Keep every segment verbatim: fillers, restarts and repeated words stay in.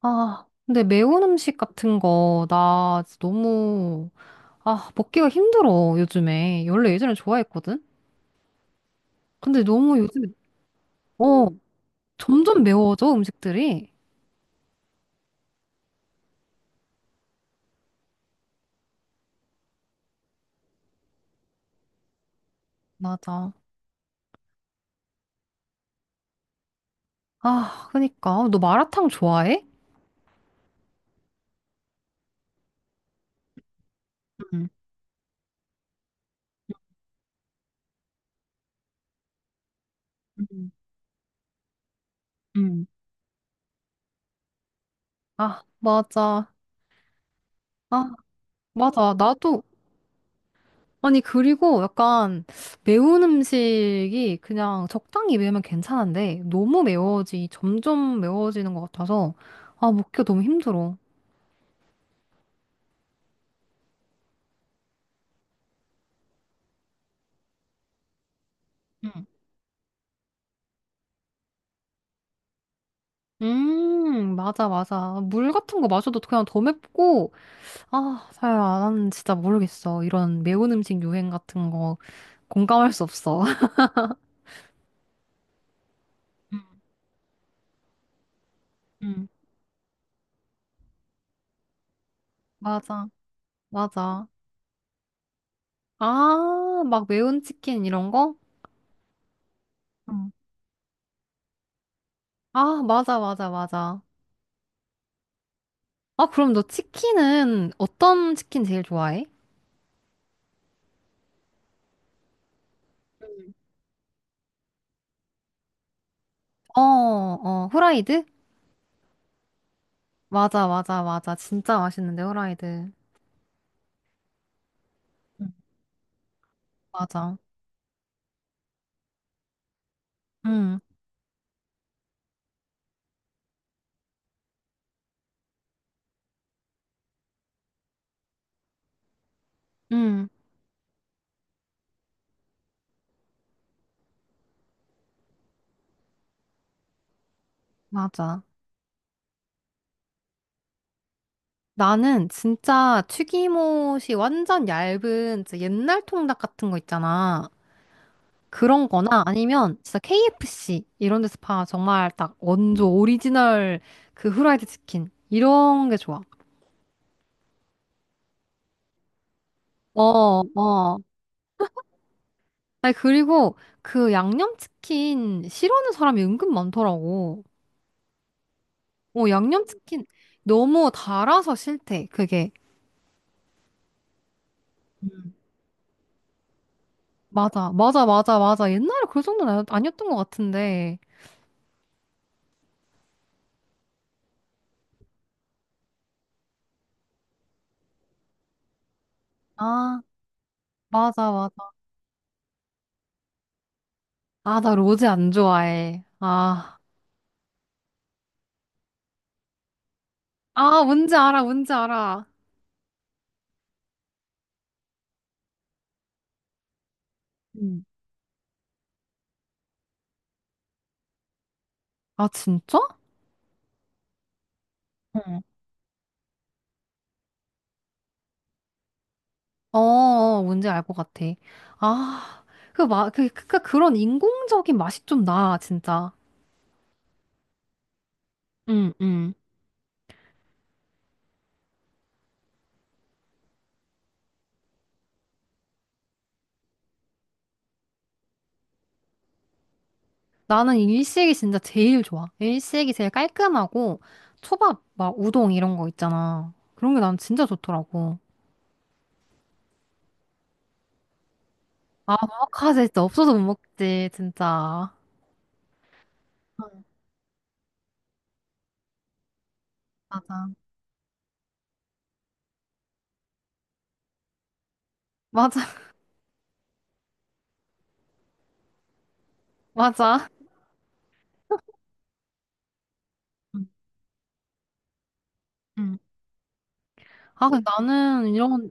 아, 근데 매운 음식 같은 거, 나 진짜 너무, 아, 먹기가 힘들어, 요즘에. 원래 예전에 좋아했거든? 근데 너무 요즘에, 어, 점점 매워져, 음식들이. 맞아. 아, 그니까. 어, 너 마라탕 좋아해? 음, 음, 응. 아, 맞아. 아, 맞아. 나도, 아니, 그리고 약간 매운 음식이 그냥 적당히 매우면 괜찮은데, 너무 매워지, 점점 매워지는 것 같아서, 아, 먹기가 너무 힘들어. 음, 맞아, 맞아. 물 같은 거 마셔도 그냥 더 맵고, 아, 사야, 나는 진짜 모르겠어. 이런 매운 음식 유행 같은 거 공감할 수 없어. 응, 맞아. 맞아. 아, 막 매운 치킨 이런 거? 응. 아, 맞아, 맞아, 맞아. 아, 그럼 너 치킨은 어떤 치킨 제일 좋아해? 어, 어, 후라이드? 맞아, 맞아, 맞아. 진짜 맛있는데, 후라이드. 응. 맞아. 응, 응, 맞아. 나는 진짜 튀김옷이 완전 얇은 진짜 옛날 통닭 같은 거 있잖아. 그런 거나 아니면 진짜 케이에프씨 이런 데서 파 정말 딱 원조 오리지널 그 후라이드 치킨 이런 게 좋아. 어, 어. 아니 그리고 그 양념치킨 싫어하는 사람이 은근 많더라고. 어, 양념치킨 너무 달아서 싫대. 그게. 맞아. 맞아. 맞아. 맞아. 옛날에 그 정도는 아니- 아니었던 것 같은데. 아, 맞아. 아, 나 로제 안 좋아해. 아, 아, 뭔지 알아, 뭔지 알아. 응. 아, 진짜? 응. 어, 어, 뭔지 알 것 같아. 아, 그, 마, 그, 그, 그, 그런 인공적인 맛이 좀 나, 진짜. 응, 응. 나는 일식이 진짜 제일 좋아. 일식이 제일 깔끔하고, 초밥, 막, 우동 이런 거 있잖아. 그런 게 난 진짜 좋더라고. 아, 오마카세 진짜 없어서 못 먹지, 진짜. 맞아. 맞아, 맞아. 응, 응. 아, 근데 나는 이런,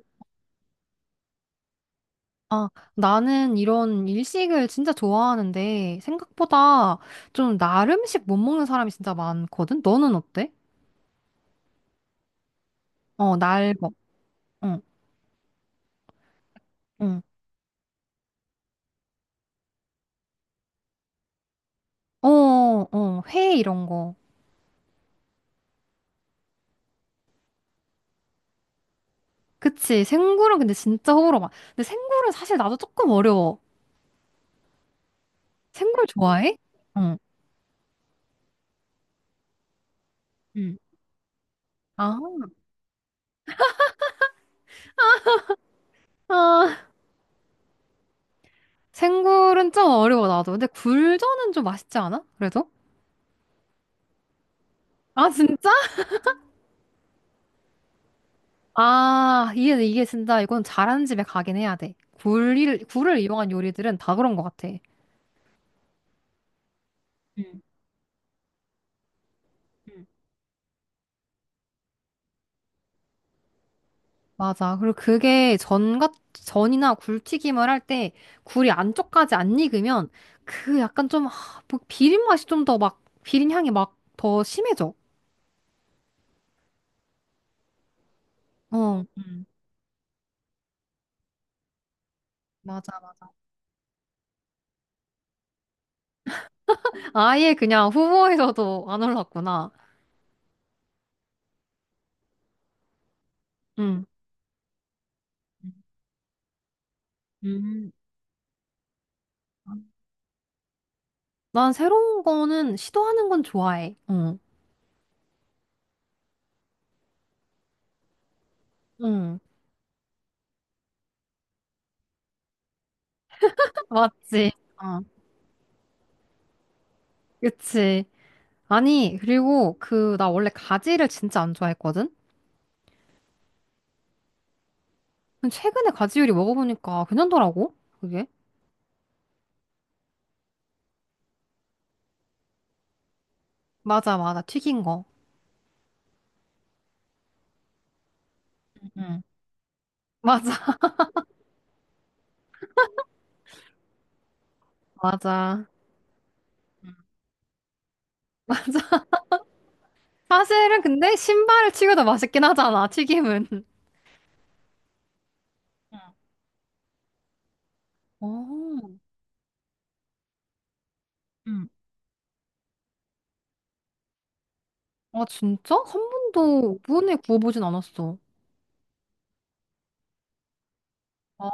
아, 나는 이런 일식을 진짜 좋아하는데 생각보다 좀 날 음식 못 먹는 사람이 진짜 많거든? 너는 어때? 어, 날 먹, 응, 응. 어, 어, 회 이런 거. 그치. 생굴은 근데 진짜 호불호 많. 근데 생굴은 사실 나도 조금 어려워. 생굴 좋아해? 응, 응. 아, 아, 생굴은 좀 어려워, 나도. 근데 굴전은 좀 맛있지 않아? 그래도? 아, 진짜? 아, 이게, 이게 진짜 이건 잘하는 집에 가긴 해야 돼. 굴을, 굴을 이용한 요리들은 다 그런 것 같아. 음, 음. 맞아. 그리고 그게 전 같, 전이나 굴튀김을 할 때 굴이 안쪽까지 안 익으면 그 약간 좀, 하, 뭐 비린 맛이 좀 더 막, 비린 향이 막 더 심해져. 어, 음. 맞아, 맞아. 아예 그냥 후보에서도 안 올랐구나. 응. 음. 난 새로운 거는 시도하는 건 좋아해. 응. 응. 맞지? 어. 그치. 아니, 그리고 그, 나 원래 가지를 진짜 안 좋아했거든? 근데 최근에 가지 요리 먹어보니까 괜찮더라고, 그게. 맞아, 맞아. 튀긴 거. 응. 맞아, 맞아. 응. 맞아. 사실은 근데 신발을 튀겨도 맛있긴 하잖아, 튀김은. 응. 어, 응. 아, 진짜? 한 번도 오븐에 구워보진 않았어. 아.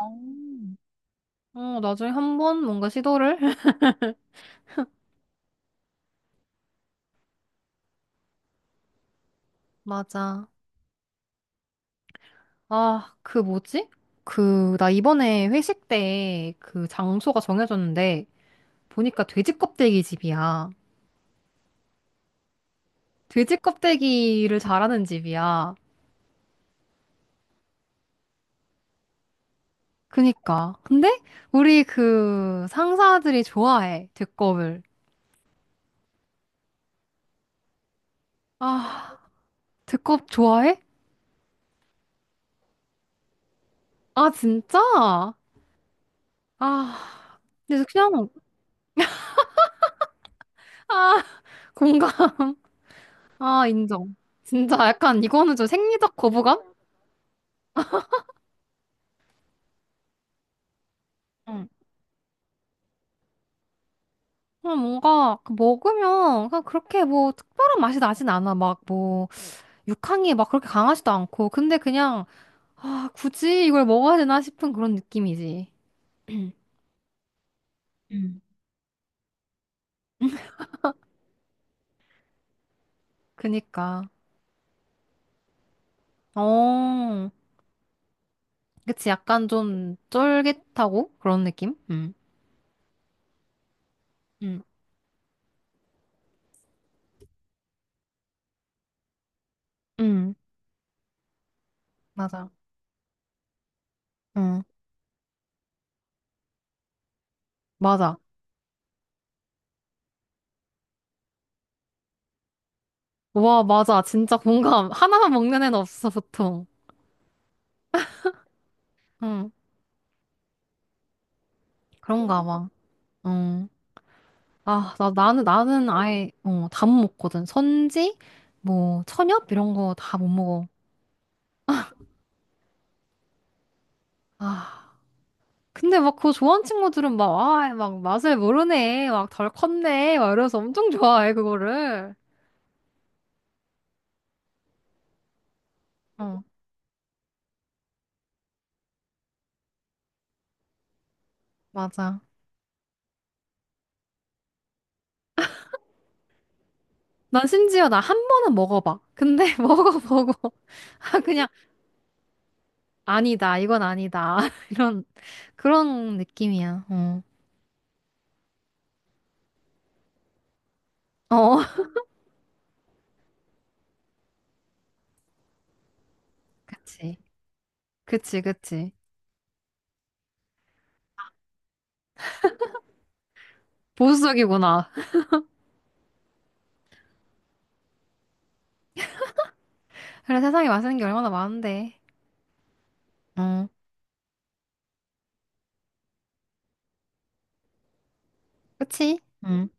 어, 나중에 한 번 뭔가 시도를. 맞아. 아, 그 뭐지? 그, 나 이번에 회식 때 그 장소가 정해졌는데 보니까 돼지 껍데기 집이야. 돼지 껍데기를 잘하는 집이야. 그니까. 근데 우리 그 상사들이 좋아해, 두껍을. 아, 두껍 좋아해? 아, 진짜? 아, 근데 그냥, 아, 공감. 아, 인정. 진짜 약간 이거는 좀 생리적 거부감? 그냥 뭔가 그 먹으면 그냥 그렇게 뭐 특별한 맛이 나진 않아. 막 뭐 육향이 막 그렇게 강하지도 않고. 근데 그냥 아, 굳이 이걸 먹어야 되나 싶은 그런 느낌이지. 음. 그니까. 어. 그치. 약간 좀 쫄깃하고 그런 느낌? 응 응 응. 맞아. 응. 맞아. 와, 맞아. 진짜 공감. 하나만 먹는 애는 없어, 보통. 응. 그런가 봐. 응. 아, 나, 나는, 나는 아예, 어, 다 못 먹거든. 선지, 뭐, 천엽, 이런 거 다 못 먹어. 아, 근데 막 그거 좋아하는 친구들은 막, 아, 막 맛을 모르네. 막 덜 컸네. 막 이러면서 엄청 좋아해, 그거를. 어, 맞아. 난 심지어 나 한 번은 먹어봐. 근데 먹어보고, 아, 그냥, 아니다. 이건 아니다. 이런, 그런 느낌이야. 어. 어, 그치. 그치, 그치. 보수적이구나. 그래, 세상에 맛있는 게 얼마나 많은데. 어. 그치? 응,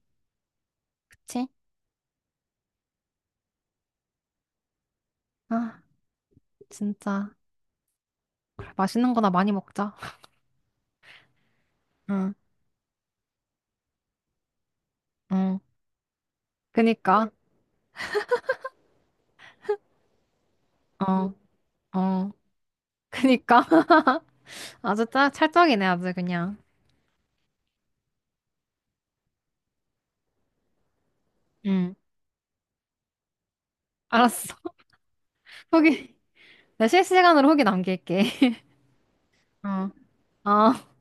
그치? 아, 진짜. 맛있는 거나 많이 먹자. 응, 응. 그니까, 어, 어. 그니까. 아주 짜, 찰떡이네, 아주 그냥. 응, 알았어. 후기. 내 실시간으로 후기 남길게. 어. 어.